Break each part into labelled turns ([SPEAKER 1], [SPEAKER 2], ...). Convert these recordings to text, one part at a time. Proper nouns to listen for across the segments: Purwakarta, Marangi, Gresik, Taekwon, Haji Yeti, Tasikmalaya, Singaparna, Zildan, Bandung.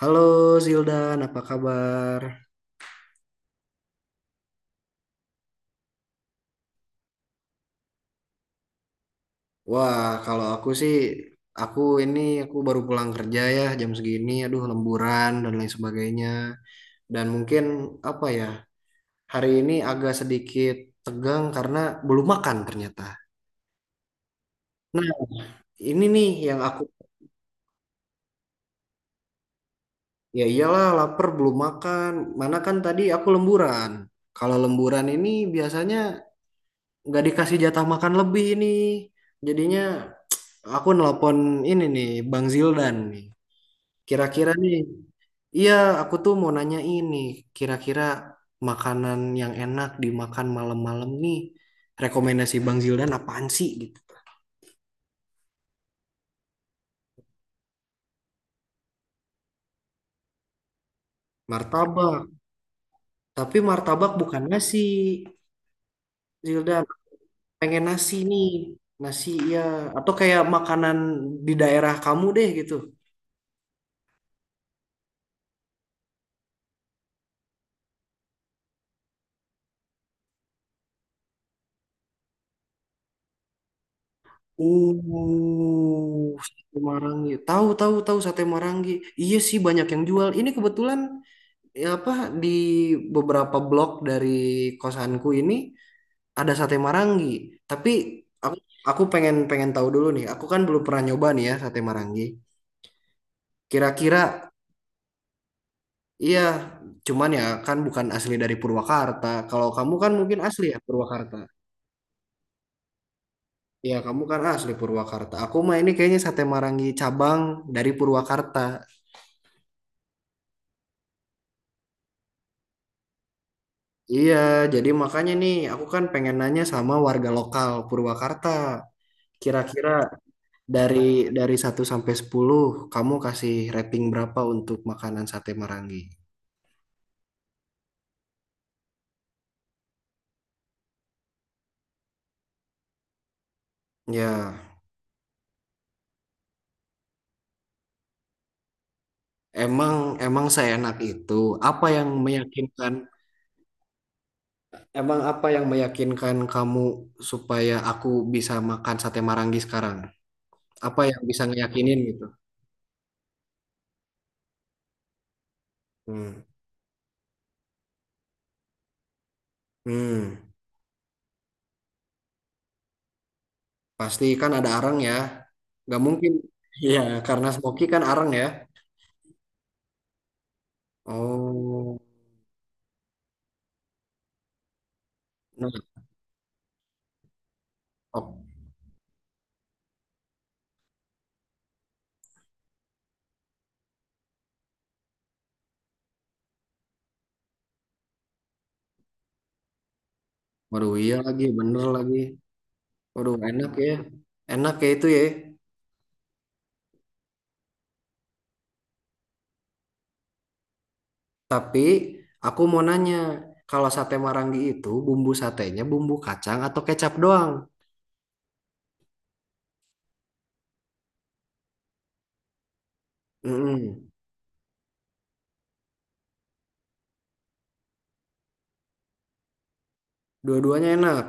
[SPEAKER 1] Halo Zildan, apa kabar? Wah, kalau aku sih, aku baru pulang kerja ya jam segini, aduh lemburan dan lain sebagainya. Dan mungkin apa ya, hari ini agak sedikit tegang karena belum makan ternyata. Nah, ini nih yang aku, ya iyalah lapar belum makan, mana kan tadi aku lemburan. Kalau lemburan ini biasanya nggak dikasih jatah makan lebih nih. Jadinya aku nelpon ini nih, Bang Zildan nih. Kira-kira nih, iya aku tuh mau nanya ini, kira-kira makanan yang enak dimakan malam-malam nih, rekomendasi Bang Zildan apaan sih gitu. Martabak, tapi martabak bukan nasi, Zildan. Pengen nasi nih, nasi ya, atau kayak makanan di daerah kamu deh gitu. Sate Marangi. Tahu, tahu, tahu sate Marangi. Iya sih banyak yang jual. Ini kebetulan ya apa di beberapa blok dari kosanku ini ada sate Marangi. Tapi aku aku pengen pengen tahu dulu nih. Aku kan belum pernah nyoba nih ya sate Marangi. Kira-kira iya, cuman ya kan bukan asli dari Purwakarta. Kalau kamu kan mungkin asli ya Purwakarta. Ya kamu kan asli Purwakarta. Aku mah ini kayaknya sate Marangi cabang dari Purwakarta. Iya, jadi makanya nih aku kan pengen nanya sama warga lokal Purwakarta. Kira-kira Dari 1 sampai 10, kamu kasih rating berapa untuk makanan sate Marangi? Ya, emang emang seenak itu. Apa yang meyakinkan? Emang apa yang meyakinkan kamu supaya aku bisa makan sate Marangi sekarang? Apa yang bisa ngeyakinin gitu? Hmm. Hmm. Pasti kan ada arang ya. Gak mungkin. Iya, karena smoky kan arang ya. Oh. Nah, oh. Waduh, iya lagi, bener lagi. Waduh, enak ya. Enak ya itu ya. Tapi aku mau nanya, kalau sate Marangi itu bumbu satenya bumbu kacang atau kecap doang? Mm-mm. Dua-duanya enak.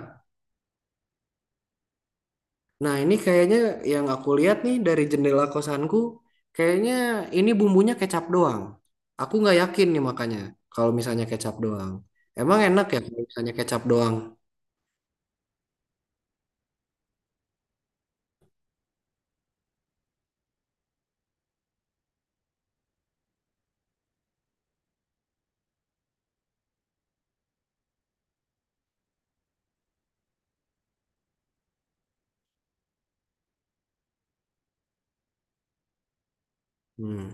[SPEAKER 1] Nah, ini kayaknya yang aku lihat nih dari jendela kosanku, kayaknya ini bumbunya kecap doang. Aku nggak yakin nih makanya kalau misalnya kecap doang. Emang enak ya kalau misalnya kecap doang? Hmm,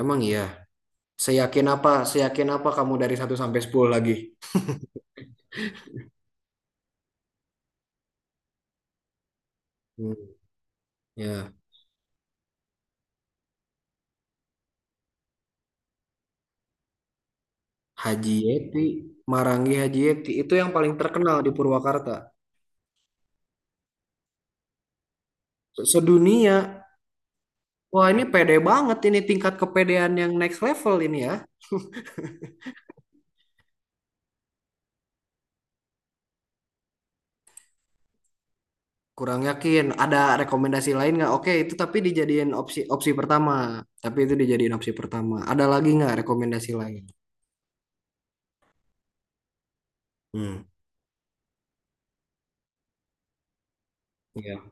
[SPEAKER 1] emang iya. Seyakin apa kamu dari 1 sampai 10 lagi? Hmm, ya. Haji Yeti, Marangi Haji Yeti itu yang paling terkenal di Purwakarta. Sedunia. Wah, ini pede banget ini tingkat kepedean yang next level ini ya. Kurang yakin. Ada rekomendasi lain nggak? Oke, itu tapi dijadiin opsi opsi pertama. Tapi itu dijadiin opsi pertama. Ada lagi nggak rekomendasi lain? Hmm, iya.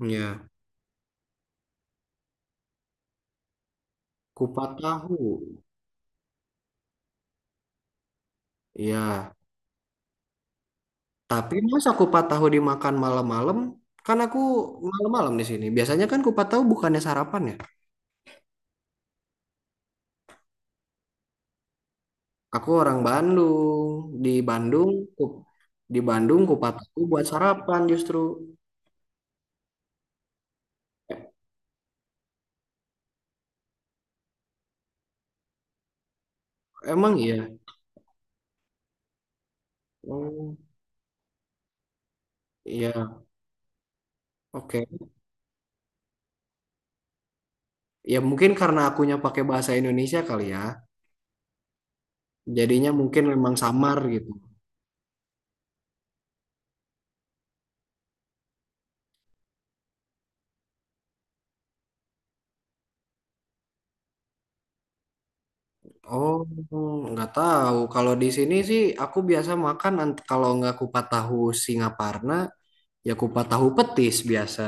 [SPEAKER 1] Iya. Kupat tahu. Iya. Tapi masa kupat tahu dimakan malam-malam? Kan aku malam-malam di sini. Biasanya kan kupat tahu bukannya sarapan ya? Aku orang Bandung. Di Bandung, ku, di Bandung kupataku buat sarapan justru. E- Emang iya? Oh, iya. Oke. Ya mungkin karena akunya pakai bahasa Indonesia kali ya. Jadinya mungkin memang samar gitu. Oh, nggak tahu. Kalau di sini sih aku biasa kalau nggak kupat tahu Singaparna, ya kupat tahu petis biasa.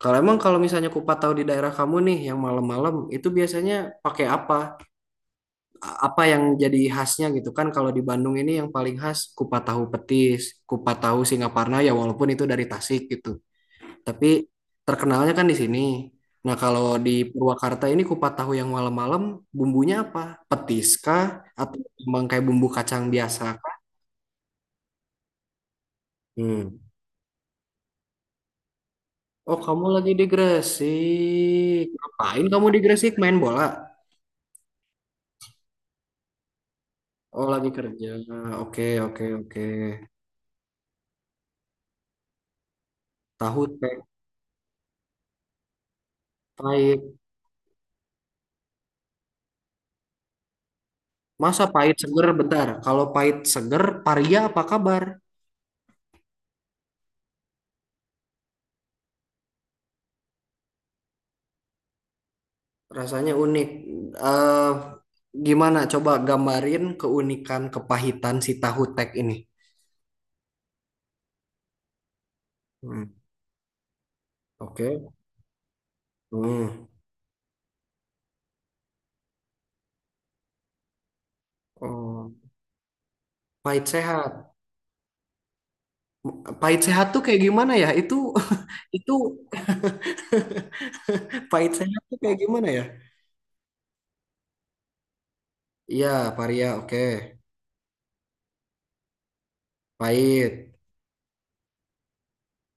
[SPEAKER 1] Kalau emang kalau misalnya kupat tahu di daerah kamu nih yang malam-malam itu biasanya pakai apa? Apa yang jadi khasnya gitu kan kalau di Bandung ini yang paling khas kupat tahu petis, kupat tahu Singaparna ya walaupun itu dari Tasik gitu. Tapi terkenalnya kan di sini. Nah, kalau di Purwakarta ini kupat tahu yang malam-malam bumbunya apa? Petis kah atau memang kayak bumbu kacang biasa? Hmm. Oh, kamu lagi di Gresik. Ngapain kamu di Gresik main bola? Oh, lagi kerja. Oke, oke, oke. Tahu teh pahit. Masa pahit seger bentar. Kalau pahit seger, paria apa kabar? Rasanya unik. eh Gimana? Coba gambarin keunikan kepahitan si tahu tek ini. Hmm, oke. Hmm. Oh, pahit sehat. Pahit sehat tuh kayak gimana ya? Itu itu pahit sehat tuh kayak gimana ya? Iya, paria. Oke. Pahit.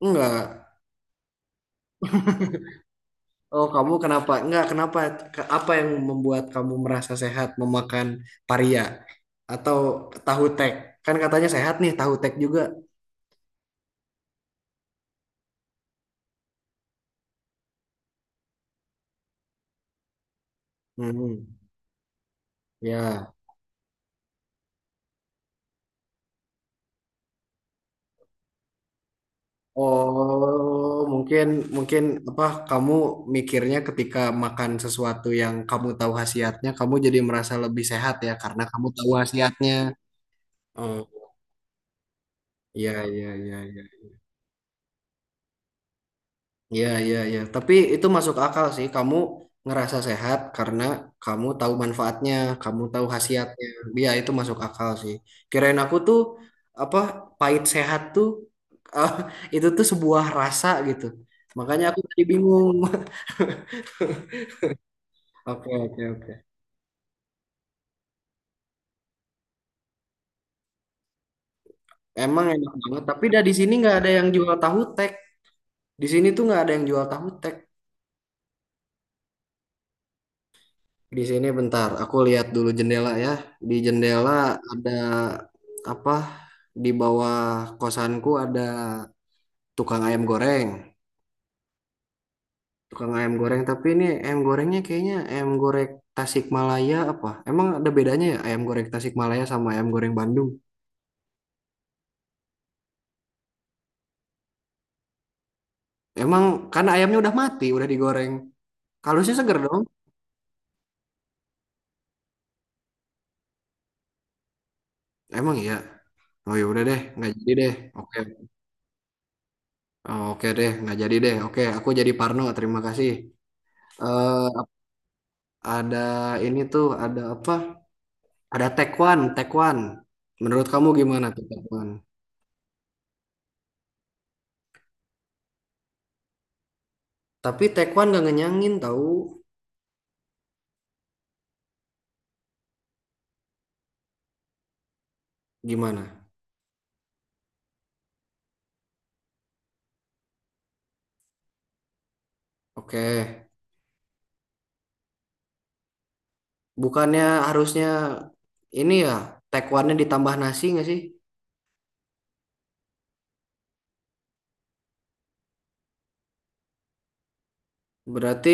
[SPEAKER 1] Enggak. Oh, kamu kenapa? Enggak, kenapa? Apa yang membuat kamu merasa sehat memakan paria atau tahu tek? Kan katanya sehat nih, tahu tek juga. Hmm, ya. Oh, mungkin mungkin apa kamu mikirnya ketika makan sesuatu yang kamu tahu khasiatnya, kamu jadi merasa lebih sehat ya karena kamu tahu khasiatnya. Oh, iya iya iya. iya. Iya, iya, iya. Tapi itu masuk akal sih. Kamu ngerasa sehat karena kamu tahu manfaatnya, kamu tahu khasiatnya. Iya, itu masuk akal sih. Kirain aku tuh apa pahit sehat tuh ah, itu tuh sebuah rasa gitu. Makanya aku tadi bingung. Oke, oke, oke. Emang enak banget. Tapi dah di sini nggak ada yang jual tahu tek. Di sini tuh nggak ada yang jual tahu tek. Di sini bentar, aku lihat dulu jendela ya. Di jendela ada apa? Di bawah kosanku ada tukang ayam goreng. Tukang ayam goreng, tapi ini ayam gorengnya kayaknya ayam goreng Tasikmalaya apa? Emang ada bedanya ya ayam goreng Tasikmalaya sama ayam goreng Bandung? Emang karena ayamnya udah mati, udah digoreng. Kalusnya seger dong. Emang iya. Oh ya udah deh, nggak jadi deh. Oke, oh, oke deh, nggak jadi deh. Oke, aku jadi Parno. Terima kasih. Eh ada ini tuh, ada apa? Ada Taekwon, Taekwon. Menurut kamu gimana tuh Taekwon? Tapi Taekwon gak ngenyangin tahu gimana? Oke, bukannya harusnya ini ya Taekwonnya ditambah nasi nggak sih? Berarti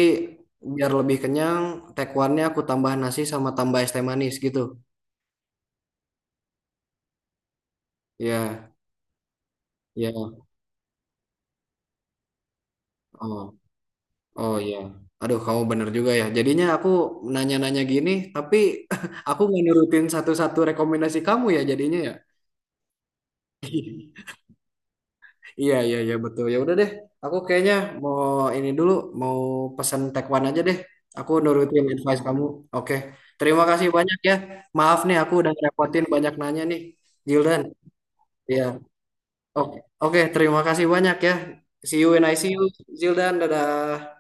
[SPEAKER 1] biar lebih kenyang, Taekwonnya aku tambah nasi sama tambah es teh manis gitu. Ya, ya. Oh, oh ya. Aduh, kamu bener juga ya. Jadinya aku nanya-nanya gini, tapi aku nggak nurutin satu-satu rekomendasi kamu ya jadinya ya. Iya, iya, iya, betul. Ya udah deh, aku kayaknya mau ini dulu, mau pesan tekwan aja deh. Aku nurutin advice kamu. Oke, terima kasih banyak ya. Maaf nih, aku udah ngerepotin banyak nanya nih, Zildan. Iya, oke, oke, terima kasih banyak ya. See you when I see you, Zildan. Dadah.